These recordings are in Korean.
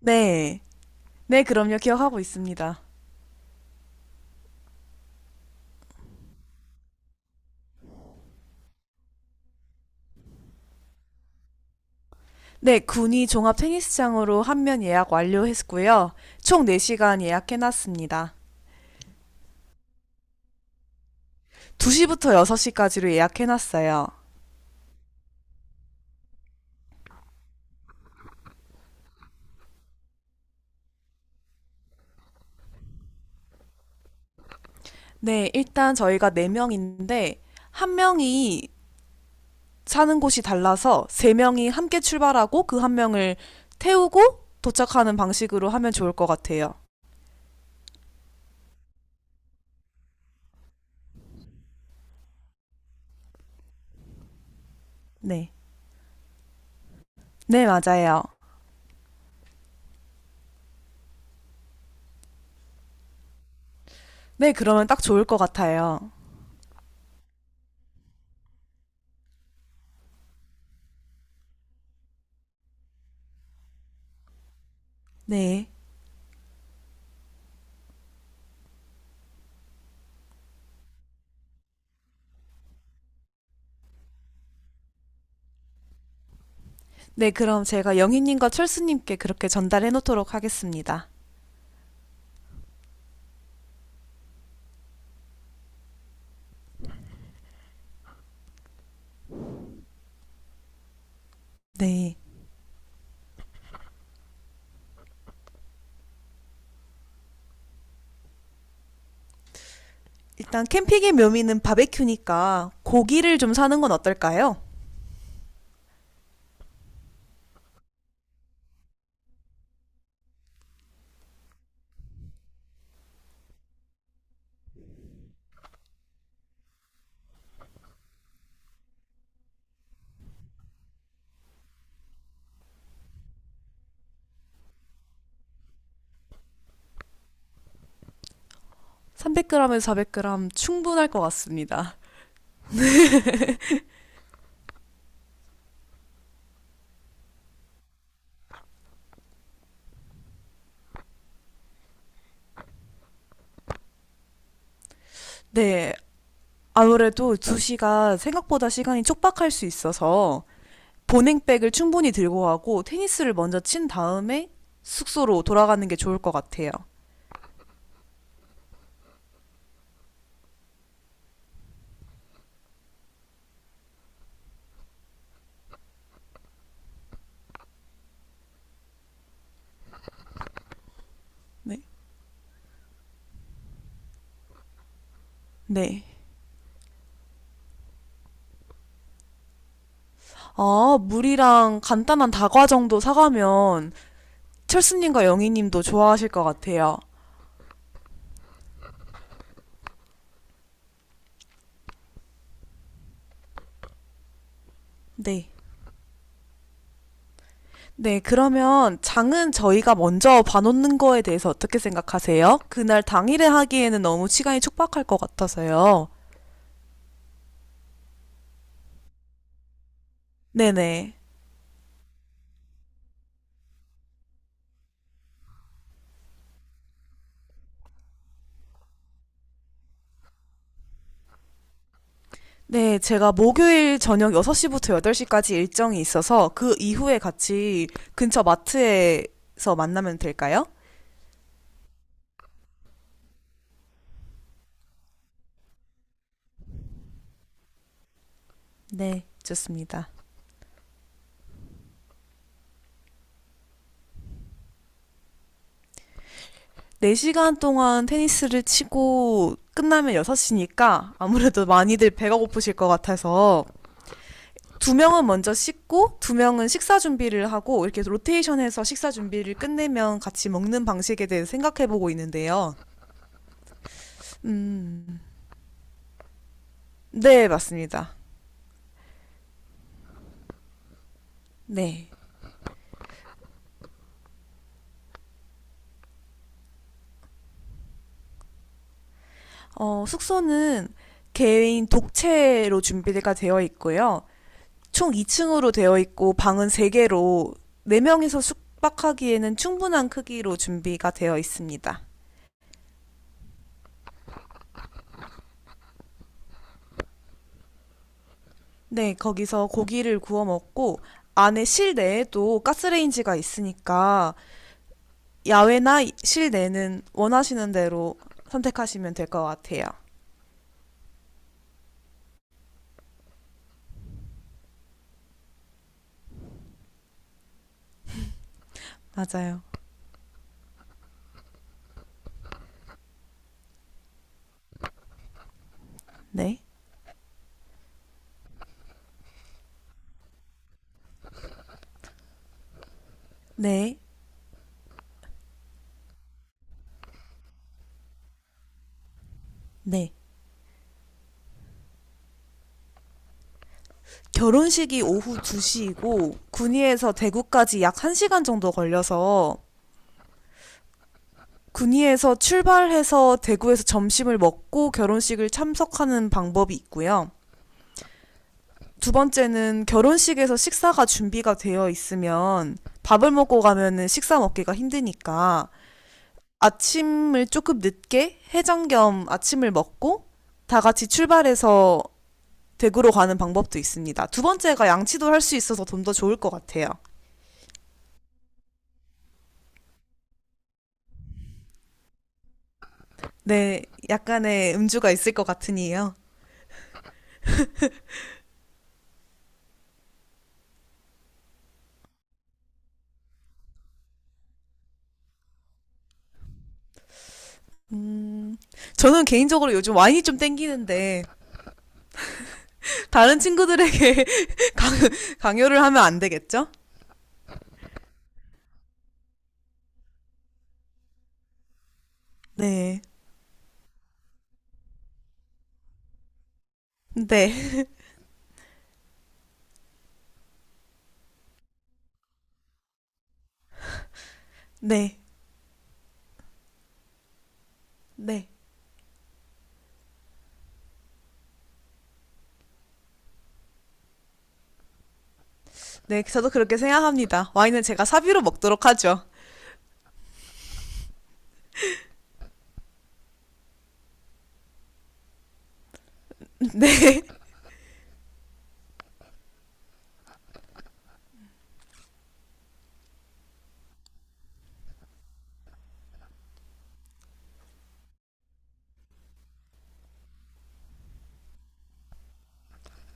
네. 네, 그럼요. 기억하고 있습니다. 네, 군이 종합 테니스장으로 한 면 예약 완료했고요. 총 4시간 예약해놨습니다. 2시부터 6시까지로 예약해놨어요. 네, 일단 저희가 4명인데, 한 명이 사는 곳이 달라서 3명이 함께 출발하고 그 한 명을 태우고 도착하는 방식으로 하면 좋을 것 같아요. 네. 네, 맞아요. 네, 그러면 딱 좋을 것 같아요. 네. 네, 그럼 제가 영희님과 철수님께 그렇게 전달해 놓도록 하겠습니다. 네. 일단 캠핑의 묘미는 바베큐니까 고기를 좀 사는 건 어떨까요? 300g에서 400g 충분할 것 같습니다. 네. 아무래도 2시가 생각보다 시간이 촉박할 수 있어서 보냉백을 충분히 들고 가고 테니스를 먼저 친 다음에 숙소로 돌아가는 게 좋을 것 같아요. 네. 네. 아, 물이랑 간단한 다과 정도 사가면 철수님과 영희님도 좋아하실 것 같아요. 네. 네, 그러면 장은 저희가 먼저 봐놓는 거에 대해서 어떻게 생각하세요? 그날 당일에 하기에는 너무 시간이 촉박할 것 같아서요. 네네. 네, 제가 목요일 저녁 6시부터 8시까지 일정이 있어서 그 이후에 같이 근처 마트에서 만나면 될까요? 네, 좋습니다. 4시간 동안 테니스를 치고 끝나면 6시니까 아무래도 많이들 배가 고프실 것 같아서 두 명은 먼저 씻고 두 명은 식사 준비를 하고 이렇게 로테이션해서 식사 준비를 끝내면 같이 먹는 방식에 대해 생각해 보고 있는데요. 음, 네, 맞습니다. 네. 어, 숙소는 개인 독채로 준비가 되어 있고요. 총 2층으로 되어 있고 방은 3개로 4명이서 숙박하기에는 충분한 크기로 준비가 되어 있습니다. 네, 거기서 고기를 구워 먹고 안에 실내에도 가스레인지가 있으니까 야외나 실내는 원하시는 대로 선택하시면 될 것 같아요. 맞아요. 네. 네. 네. 결혼식이 오후 2시이고 군위에서 대구까지 약 1시간 정도 걸려서 군위에서 출발해서 대구에서 점심을 먹고 결혼식을 참석하는 방법이 있고요. 두 번째는 결혼식에서 식사가 준비가 되어 있으면 밥을 먹고 가면은 식사 먹기가 힘드니까 아침을 조금 늦게 해장 겸 아침을 먹고 다 같이 출발해서 댁으로 가는 방법도 있습니다. 두 번째가 양치도 할 수 있어서 좀 더 좋을 것 같아요. 네, 약간의 음주가 있을 것 같으니요. 음, 저는 개인적으로 요즘 와인이 좀 땡기는데 다른 친구들에게 강요를 하면 안 되겠죠? 네, 네, 네, 네, 네. 저도 그렇게 생각합니다. 와인은 제가 사비로 먹도록 하죠.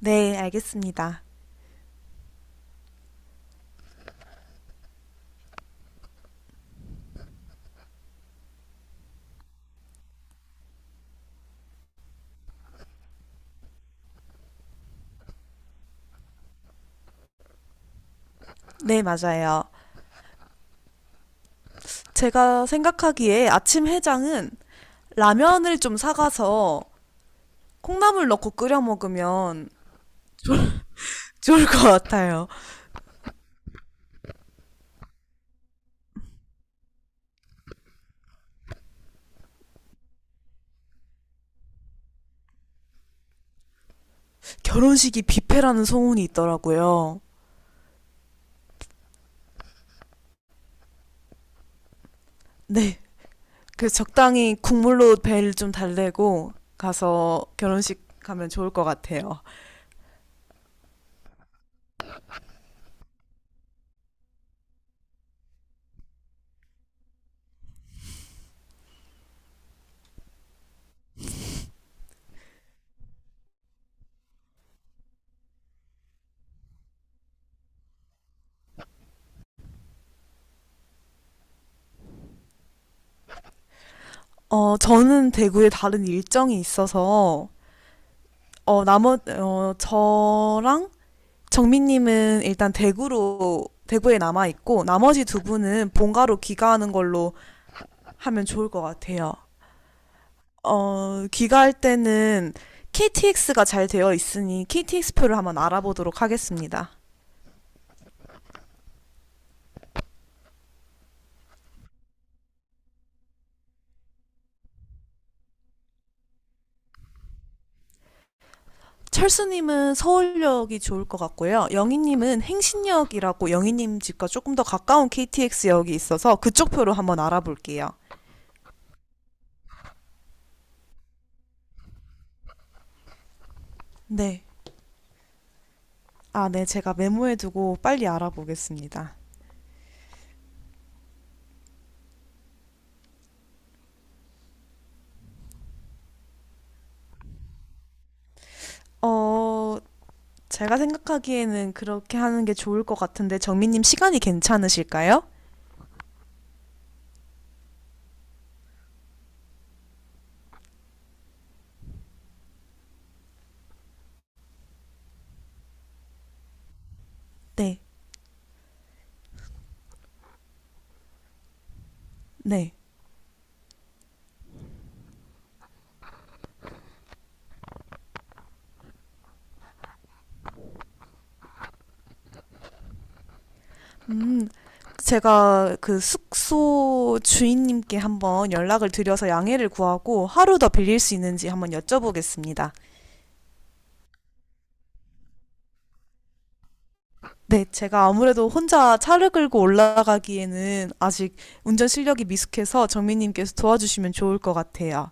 네, 알겠습니다. 네, 맞아요. 제가 생각하기에 아침 해장은 라면을 좀 사가서 콩나물 넣고 끓여 먹으면 좋을 것 같아요. 결혼식이 뷔페라는 소문이 있더라고요. 네. 그래서 적당히 국물로 배를 좀 달래고 가서 결혼식 가면 좋을 것 같아요. 어, 저는 대구에 다른 일정이 있어서, 저랑 정민님은 일단 대구로, 대구에 남아있고, 나머지 두 분은 본가로 귀가하는 걸로 하면 좋을 것 같아요. 어, 귀가할 때는 KTX가 잘 되어 있으니 KTX표를 한번 알아보도록 하겠습니다. 철수님은 서울역이 좋을 것 같고요. 영희님은 행신역이라고 영희님 집과 조금 더 가까운 KTX역이 있어서 그쪽 표로 한번 알아볼게요. 네. 아, 네. 제가 메모해두고 빨리 알아보겠습니다. 어, 제가 생각하기에는 그렇게 하는 게 좋을 것 같은데 정민님 시간이 괜찮으실까요? 네. 네. 음, 제가 그 숙소 주인님께 한번 연락을 드려서 양해를 구하고 하루 더 빌릴 수 있는지 한번 여쭤보겠습니다. 네, 제가 아무래도 혼자 차를 끌고 올라가기에는 아직 운전 실력이 미숙해서 정민님께서 도와주시면 좋을 것 같아요.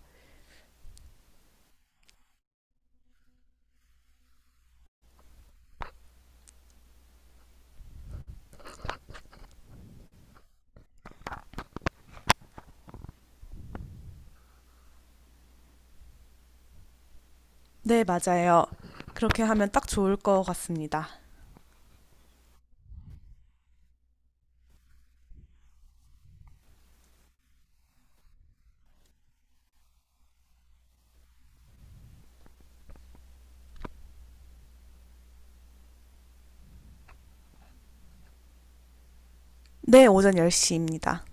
네, 맞아요. 그렇게 하면 딱 좋을 것 같습니다. 네, 오전 10시입니다.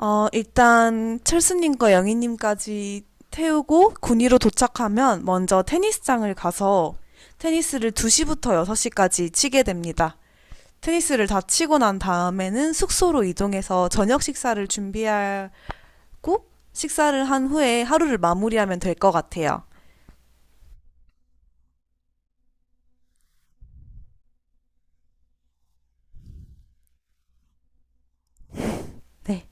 어, 일단 철수님과 영희님까지 태우고 군위로 도착하면 먼저 테니스장을 가서 테니스를 2시부터 6시까지 치게 됩니다. 테니스를 다 치고 난 다음에는 숙소로 이동해서 저녁 식사를 준비하고 식사를 한 후에 하루를 마무리하면 될 것 같아요. 네.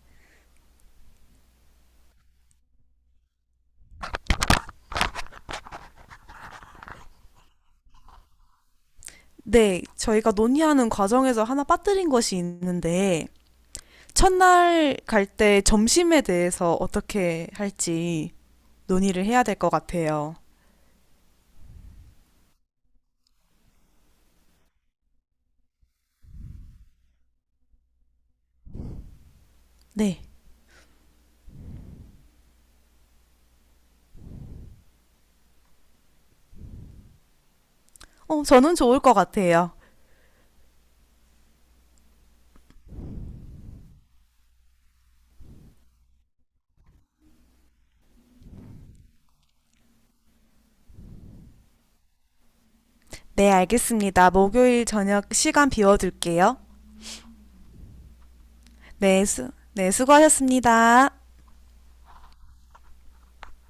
네, 저희가 논의하는 과정에서 하나 빠뜨린 것이 있는데 첫날 갈 때 점심에 대해서 어떻게 할지 논의를 해야 될 것 같아요. 네. 어, 저는 좋을 것 같아요. 네, 알겠습니다. 목요일 저녁 시간 비워둘게요. 네, 네, 수고하셨습니다.